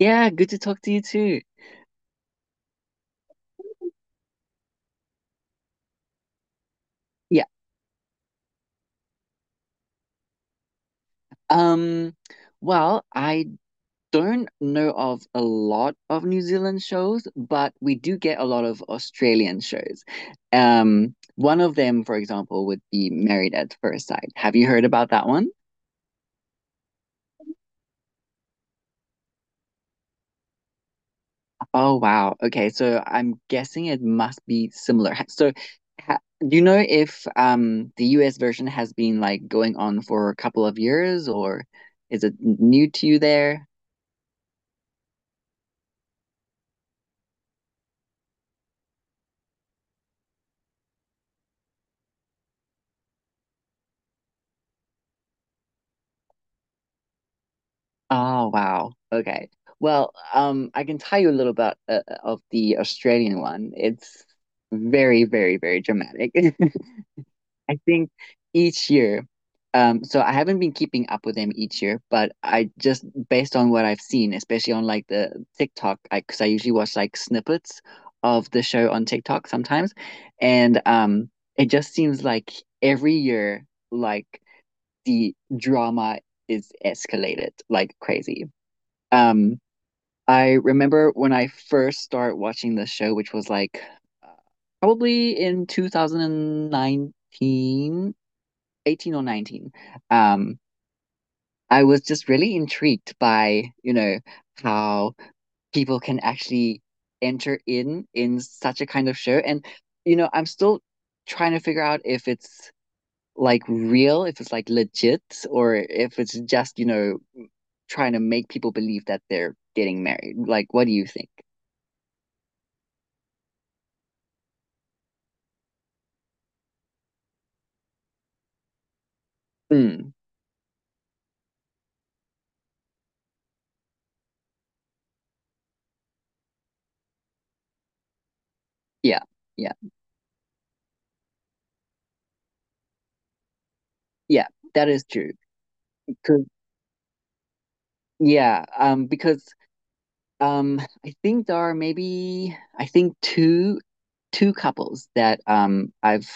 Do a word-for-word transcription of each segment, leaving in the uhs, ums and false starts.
Yeah, good to talk to you too. Yeah. Um, well, I don't know of a lot of New Zealand shows, but we do get a lot of Australian shows. Um, one of them, for example, would be Married at First Sight. Have you heard about that one? Oh, wow. Okay, so I'm guessing it must be similar. Ha- So, ha do you know if um the U S version has been like going on for a couple of years, or is it n- new to you there? Oh, wow. Okay. Well, um, I can tell you a little about uh, uh, of the Australian one. It's very, very, very dramatic. I think each year, um, so I haven't been keeping up with them each year, but I just based on what I've seen, especially on like the TikTok, I because I usually watch like snippets of the show on TikTok sometimes, and um, it just seems like every year, like the drama is escalated like crazy. Um, I remember when I first started watching the show, which was like uh, probably in two thousand and nineteen, eighteen or nineteen. Um, I was just really intrigued by, you know, how people can actually enter in in such a kind of show. And, you know, I'm still trying to figure out if it's like real, if it's like legit, or if it's just, you know, trying to make people believe that they're getting married. Like, what do you think? Mm, yeah, yeah, yeah, that is true. Because yeah, um, because um, I think there are maybe I think two two couples that um I've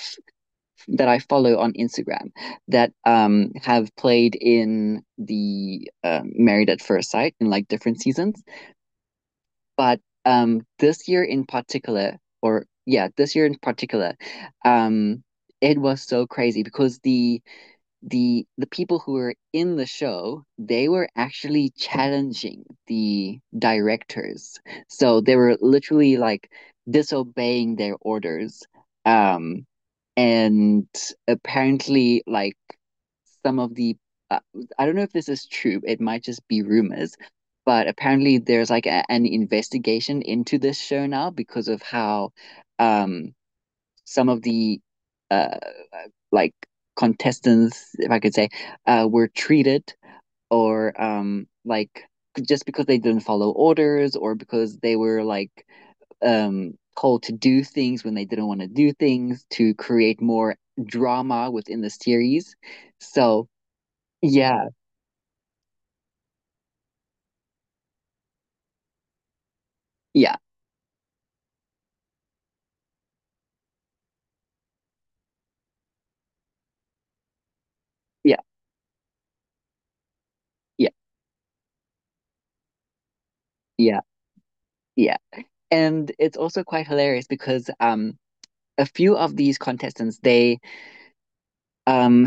that I follow on Instagram that um have played in the uh, Married at First Sight in like different seasons, but um this year in particular, or yeah, this year in particular, um, it was so crazy because the the the people who were in the show they were actually challenging the directors so they were literally like disobeying their orders um and apparently like some of the uh, I don't know if this is true, it might just be rumors, but apparently there's like a, an investigation into this show now because of how um some of the uh like contestants, if I could say, uh, were treated or um, like just because they didn't follow orders or because they were like um, told to do things when they didn't want to do things to create more drama within the series. So yeah, yeah, yeah, yeah, yeah, yeah. And it's also quite hilarious because um, a few of these contestants they um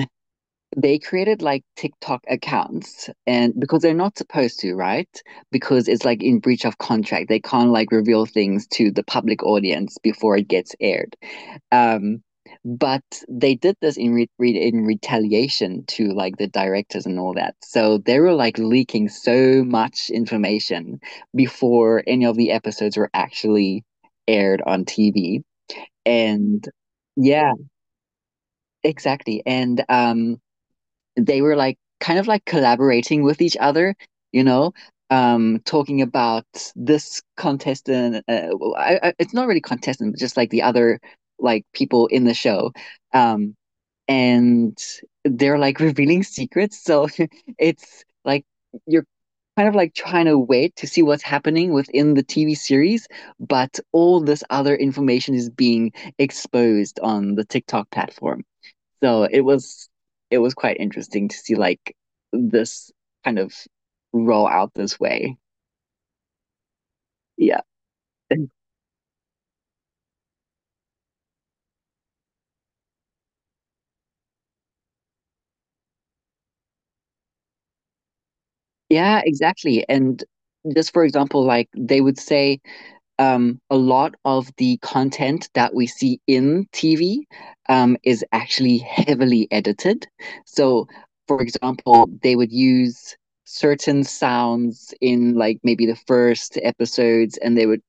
they created like TikTok accounts and because they're not supposed to, right? Because it's like in breach of contract. They can't like reveal things to the public audience before it gets aired. Um, but they did this in re- re- in retaliation to like the directors and all that. So they were like leaking so much information before any of the episodes were actually aired on T V. And yeah, exactly. And um they were like kind of like collaborating with each other, you know, um, talking about this contestant. Uh, well, I, I, it's not really contestant, but just like the other like people in the show, um, and they're like revealing secrets. So it's like you're kind of like trying to wait to see what's happening within the T V series, but all this other information is being exposed on the TikTok platform. So it was it was quite interesting to see like this kind of roll out this way. Yeah. And- Yeah, exactly. And just for example, like they would say um, a lot of the content that we see in T V um, is actually heavily edited. So, for example, they would use certain sounds in like maybe the first episodes and they would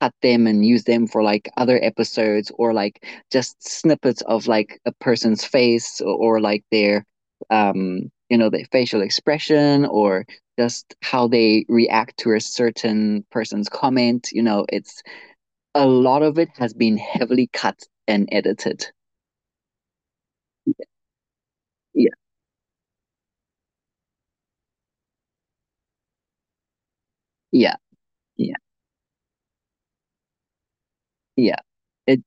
cut them and use them for like other episodes or like just snippets of like a person's face or, or like their um you know their facial expression or just how they react to a certain person's comment, you know, it's a lot of it has been heavily cut and edited. Yeah, yeah, yeah, yeah, it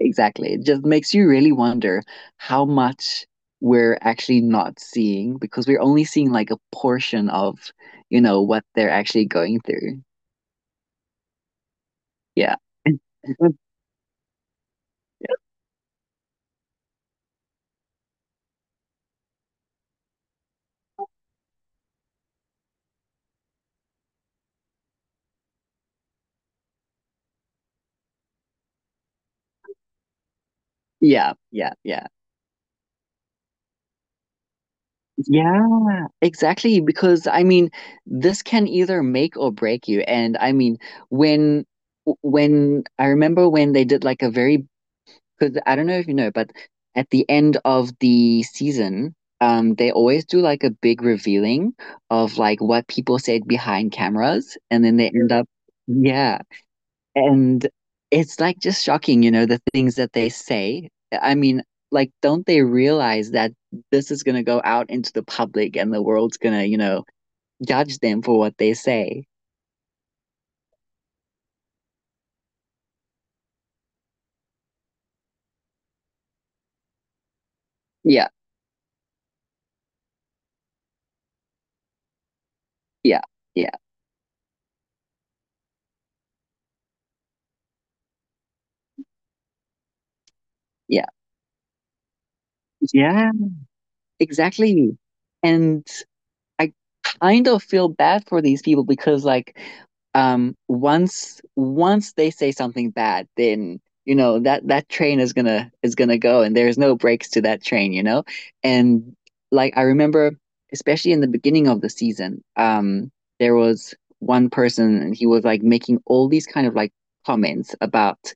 exactly. It just makes you really wonder how much we're actually not seeing because we're only seeing like a portion of, you know, what they're actually going through. Yeah. Yeah, yeah, yeah. Yeah, exactly. Because I mean, this can either make or break you. And I mean, when when I remember when they did like a very, because I don't know if you know, but at the end of the season, um, they always do like a big revealing of like what people said behind cameras, and then they end up, yeah, and it's like just shocking, you know, the things that they say. I mean, like, don't they realize that this is gonna go out into the public and the world's gonna, you know, judge them for what they say? Yeah, yeah, yeah, yeah, yeah, exactly. And I kind of feel bad for these people because like um once once they say something bad, then you know that that train is gonna is gonna go and there's no breaks to that train, you know? And like I remember especially in the beginning of the season, um there was one person and he was like making all these kind of like comments about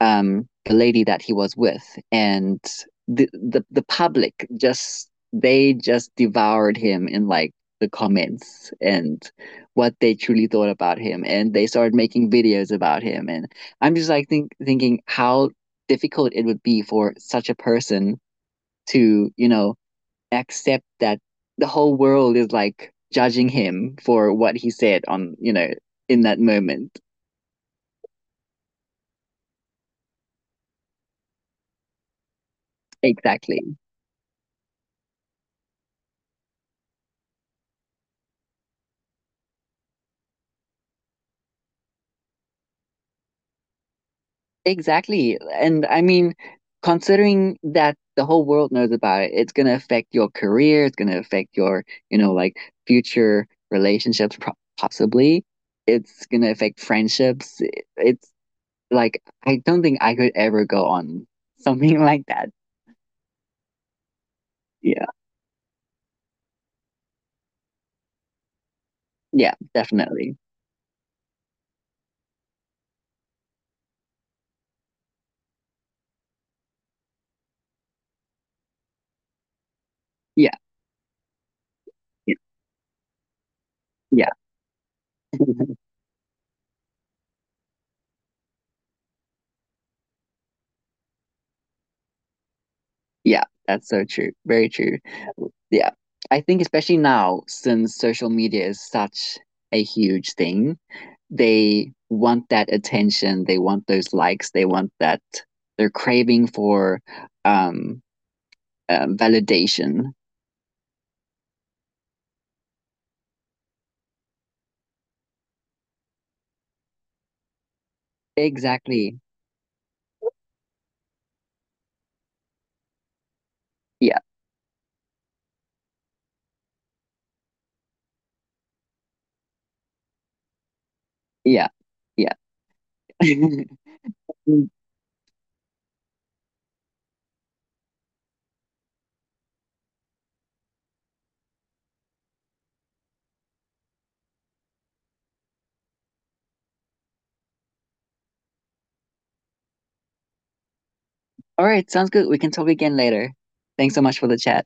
um, the lady that he was with, and the the the public just they just devoured him in like the comments and what they truly thought about him and they started making videos about him, and I'm just like think, thinking how difficult it would be for such a person to, you know, accept that the whole world is like judging him for what he said on, you know, in that moment. exactly Exactly. And I mean, considering that the whole world knows about it, it's going to affect your career, it's going to affect your, you know, like future relationships, pro possibly. It's going to affect friendships. It- It's like, I don't think I could ever go on something like that. Yeah. Yeah, definitely. Yeah. Yeah. Yeah. Yeah, that's so true. Very true. Yeah. I think especially now, since social media is such a huge thing, they want that attention, they want those likes, they want that, they're craving for um, um validation. Exactly. Yeah, yeah, yeah. All right, sounds good, we can talk again later. Thanks so much for the chat.